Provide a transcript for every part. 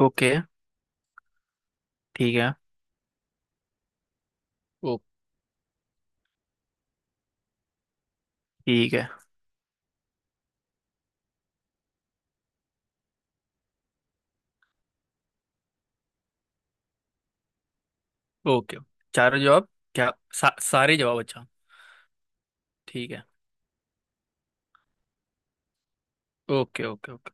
Okay. ठीक है। ओ, ठीक है। ओके, चारों जवाब, क्या सारे जवाब? अच्छा। ठीक है। Okay, okay, okay.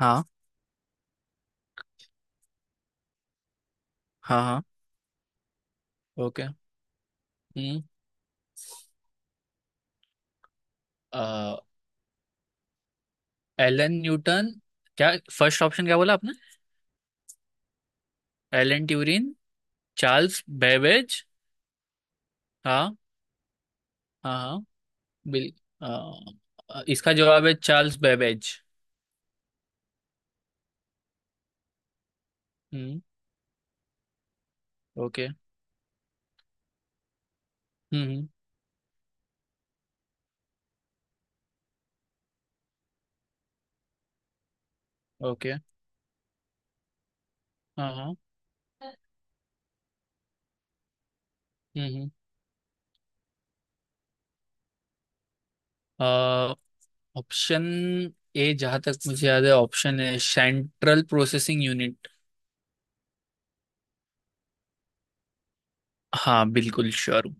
हाँ, हाँ, हाँ। ओके। हम्म। अ, एलन न्यूटन, क्या? फर्स्ट ऑप्शन क्या बोला आपने? Alan Turing. Charles Babbage. हाँ, हाँ, हाँ। बिल। इसका जवाब है चार्ल्स बेबेज। हम्म। ओके। हम्म। ओके। हाँ, हाँ। हम्म। ऑप्शन ए, जहां तक मुझे याद है ऑप्शन है सेंट्रल प्रोसेसिंग यूनिट। हाँ, बिल्कुल श्योर हूँ।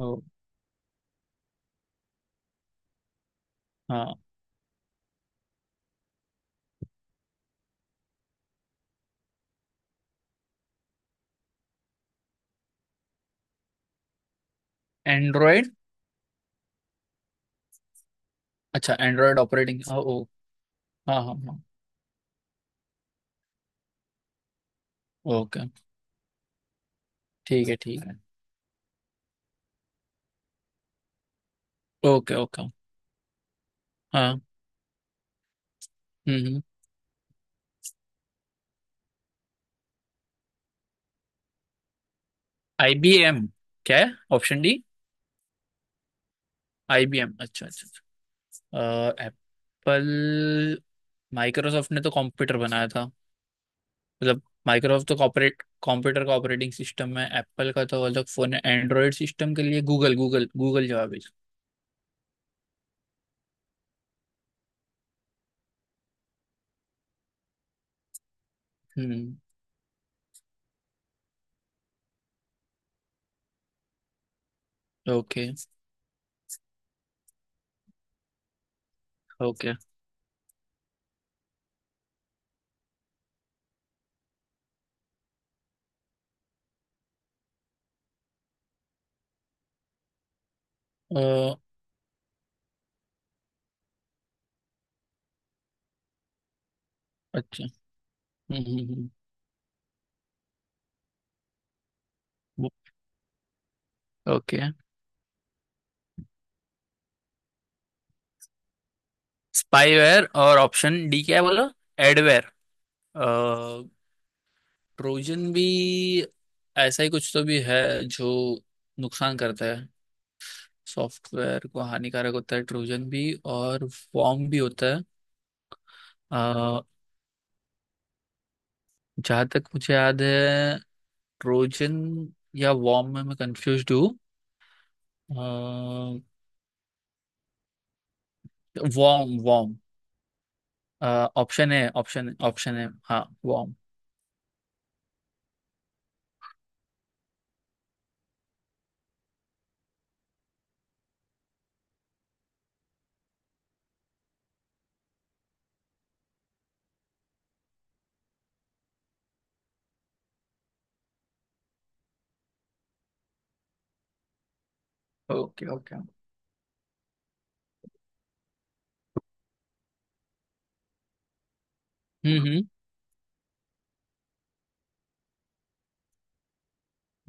ओ, हाँ। एंड्रॉयड। अच्छा, एंड्रॉयड ऑपरेटिंग। ओ, ओ। हाँ, हाँ, हाँ। ओके। ठीक है, ठीक है। Okay, okay. हाँ। हम्म, हम्म। आईबीएम क्या है? Option D IBM. अच्छा, अच्छा। एप्पल, माइक्रोसॉफ्ट ने तो कंप्यूटर बनाया था, मतलब माइक्रोसॉफ्ट तो कॉपरेट कंप्यूटर का ऑपरेटिंग सिस्टम है, एप्पल का तो अलग फोन है, एंड्रॉयड सिस्टम के लिए गूगल, गूगल, गूगल जवाब है इसका। हम्म। Okay, okay. अ, अच्छा। हम्म, हम्म। हम्म, ओके। स्पाईवेयर और ऑप्शन डी क्या है? बोलो। एडवेयर। ट्रोजन भी ऐसा ही कुछ तो भी है जो नुकसान करता है, सॉफ्टवेयर को हानिकारक होता है ट्रोजन भी, और वॉर्म भी होता है। अ, जहाँ तक मुझे याद है ट्रोजन या वॉर्म में मैं कंफ्यूज हूँ। Worm, worm. ऑप्शन है, ऑप्शन ऑप्शन है, हाँ, वॉर्म। Okay, okay. हम्म, हम्म,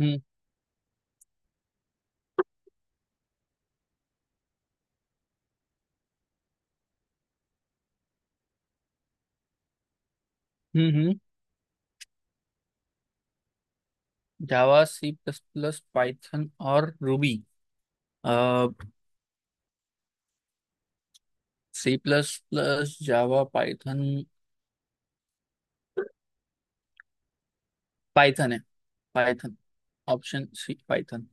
हम्म, हम्म, हम्म। Java, C plus plus, Python और रूबी। अह C plus plus, Java, Python. Python है, पाइथन। Option C, Python.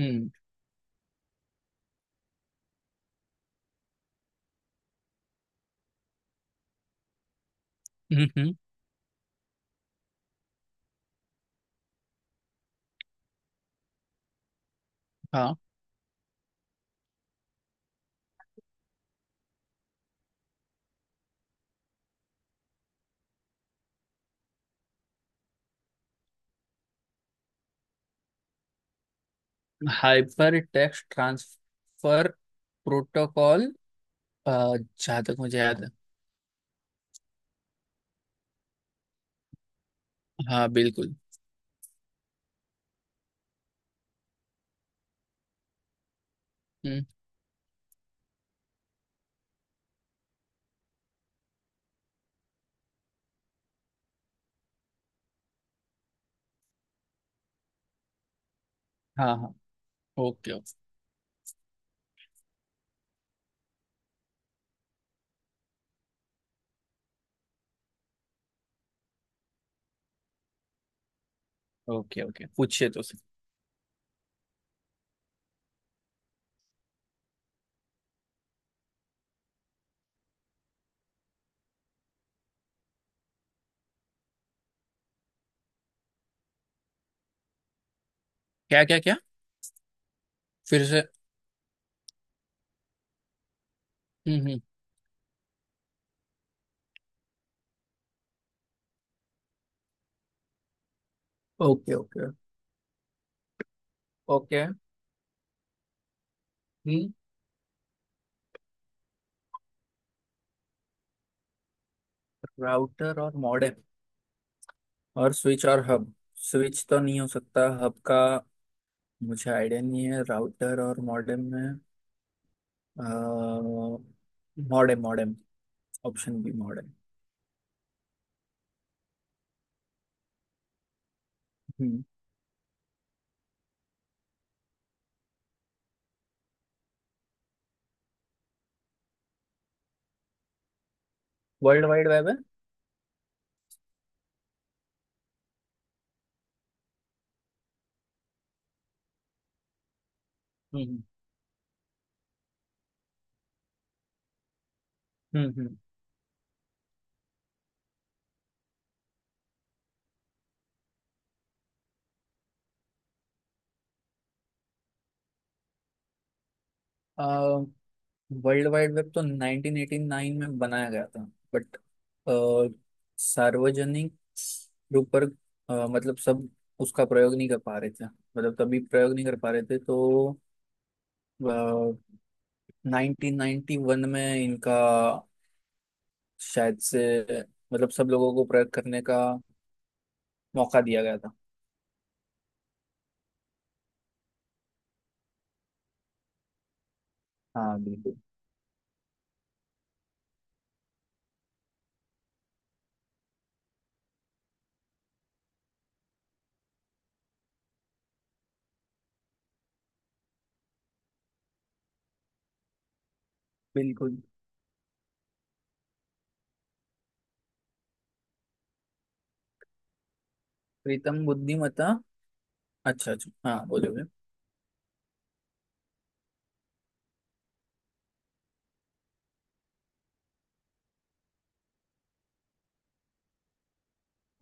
हम्म, हम्म, हाँ। हाइपर टेक्स्ट ट्रांसफर प्रोटोकॉल, जहाँ तक मुझे याद है। हाँ, बिल्कुल। हम्म। हाँ, हाँ। Okay, okay. ओके, ओके, पूछिए तो सर। क्या, क्या, क्या? फिर से। हम्म, हम्म। Okay, okay, okay. हम्म। राउटर और मॉडेम, और स्विच और हब। स्विच तो नहीं हो सकता, हब का मुझे आइडिया नहीं है, राउटर और मॉडेम में। Modem, modem. Option B, modem. हम्म। वर्ल्ड वाइड वेब है। हम्म, हम्म, हम्म। वर्ल्ड वाइड वेब तो 1989 में बनाया गया था, बट सार्वजनिक रूप पर, मतलब सब उसका प्रयोग नहीं कर पा रहे थे, मतलब तभी प्रयोग नहीं कर पा रहे थे, तो 1991 में इनका शायद से, मतलब सब लोगों को प्रयोग करने का मौका दिया गया था। हाँ, बिल्कुल। बिल्कुल। प्रीतम बुद्धिमत्ता? अच्छा, अच्छा, हाँ, बोलोगे।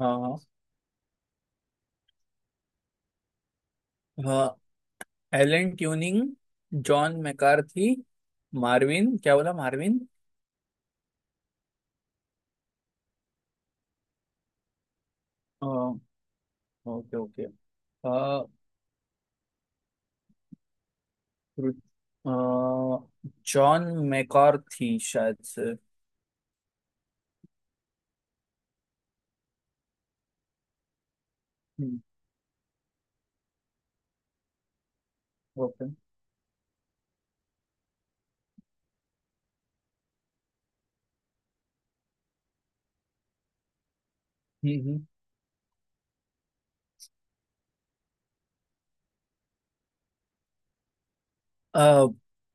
हाँ, हाँ। Alan Turing, John McCarthy, Marvin क्या बोला, Marvin? Okay, okay. John McCarthy शायद से। हम्म, ओके। हम्म, अ,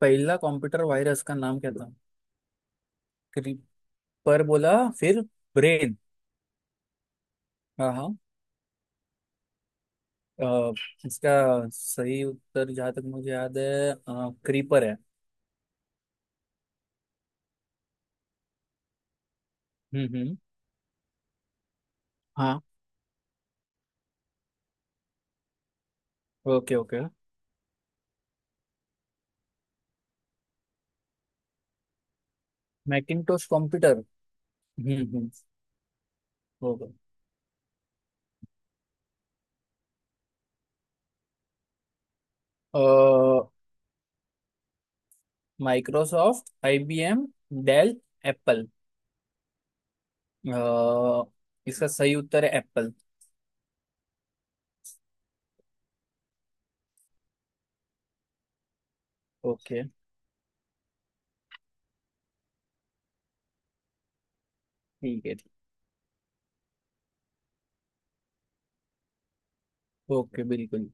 पहला कंप्यूटर वायरस का नाम क्या था? क्रीपर बोला, फिर ब्रेन। हाँ, हाँ। अ, इसका सही उत्तर, जहाँ तक मुझे याद है, क्रीपर है। हम्म, हम्म। हाँ। Okay, okay. Macintosh computer. हम्म, हम्म। Okay. Microsoft, IBM, Dell, Apple. इसका सही उत्तर है एप्पल। ओके, ठीक है, ठीक। ओके, बिल्कुल।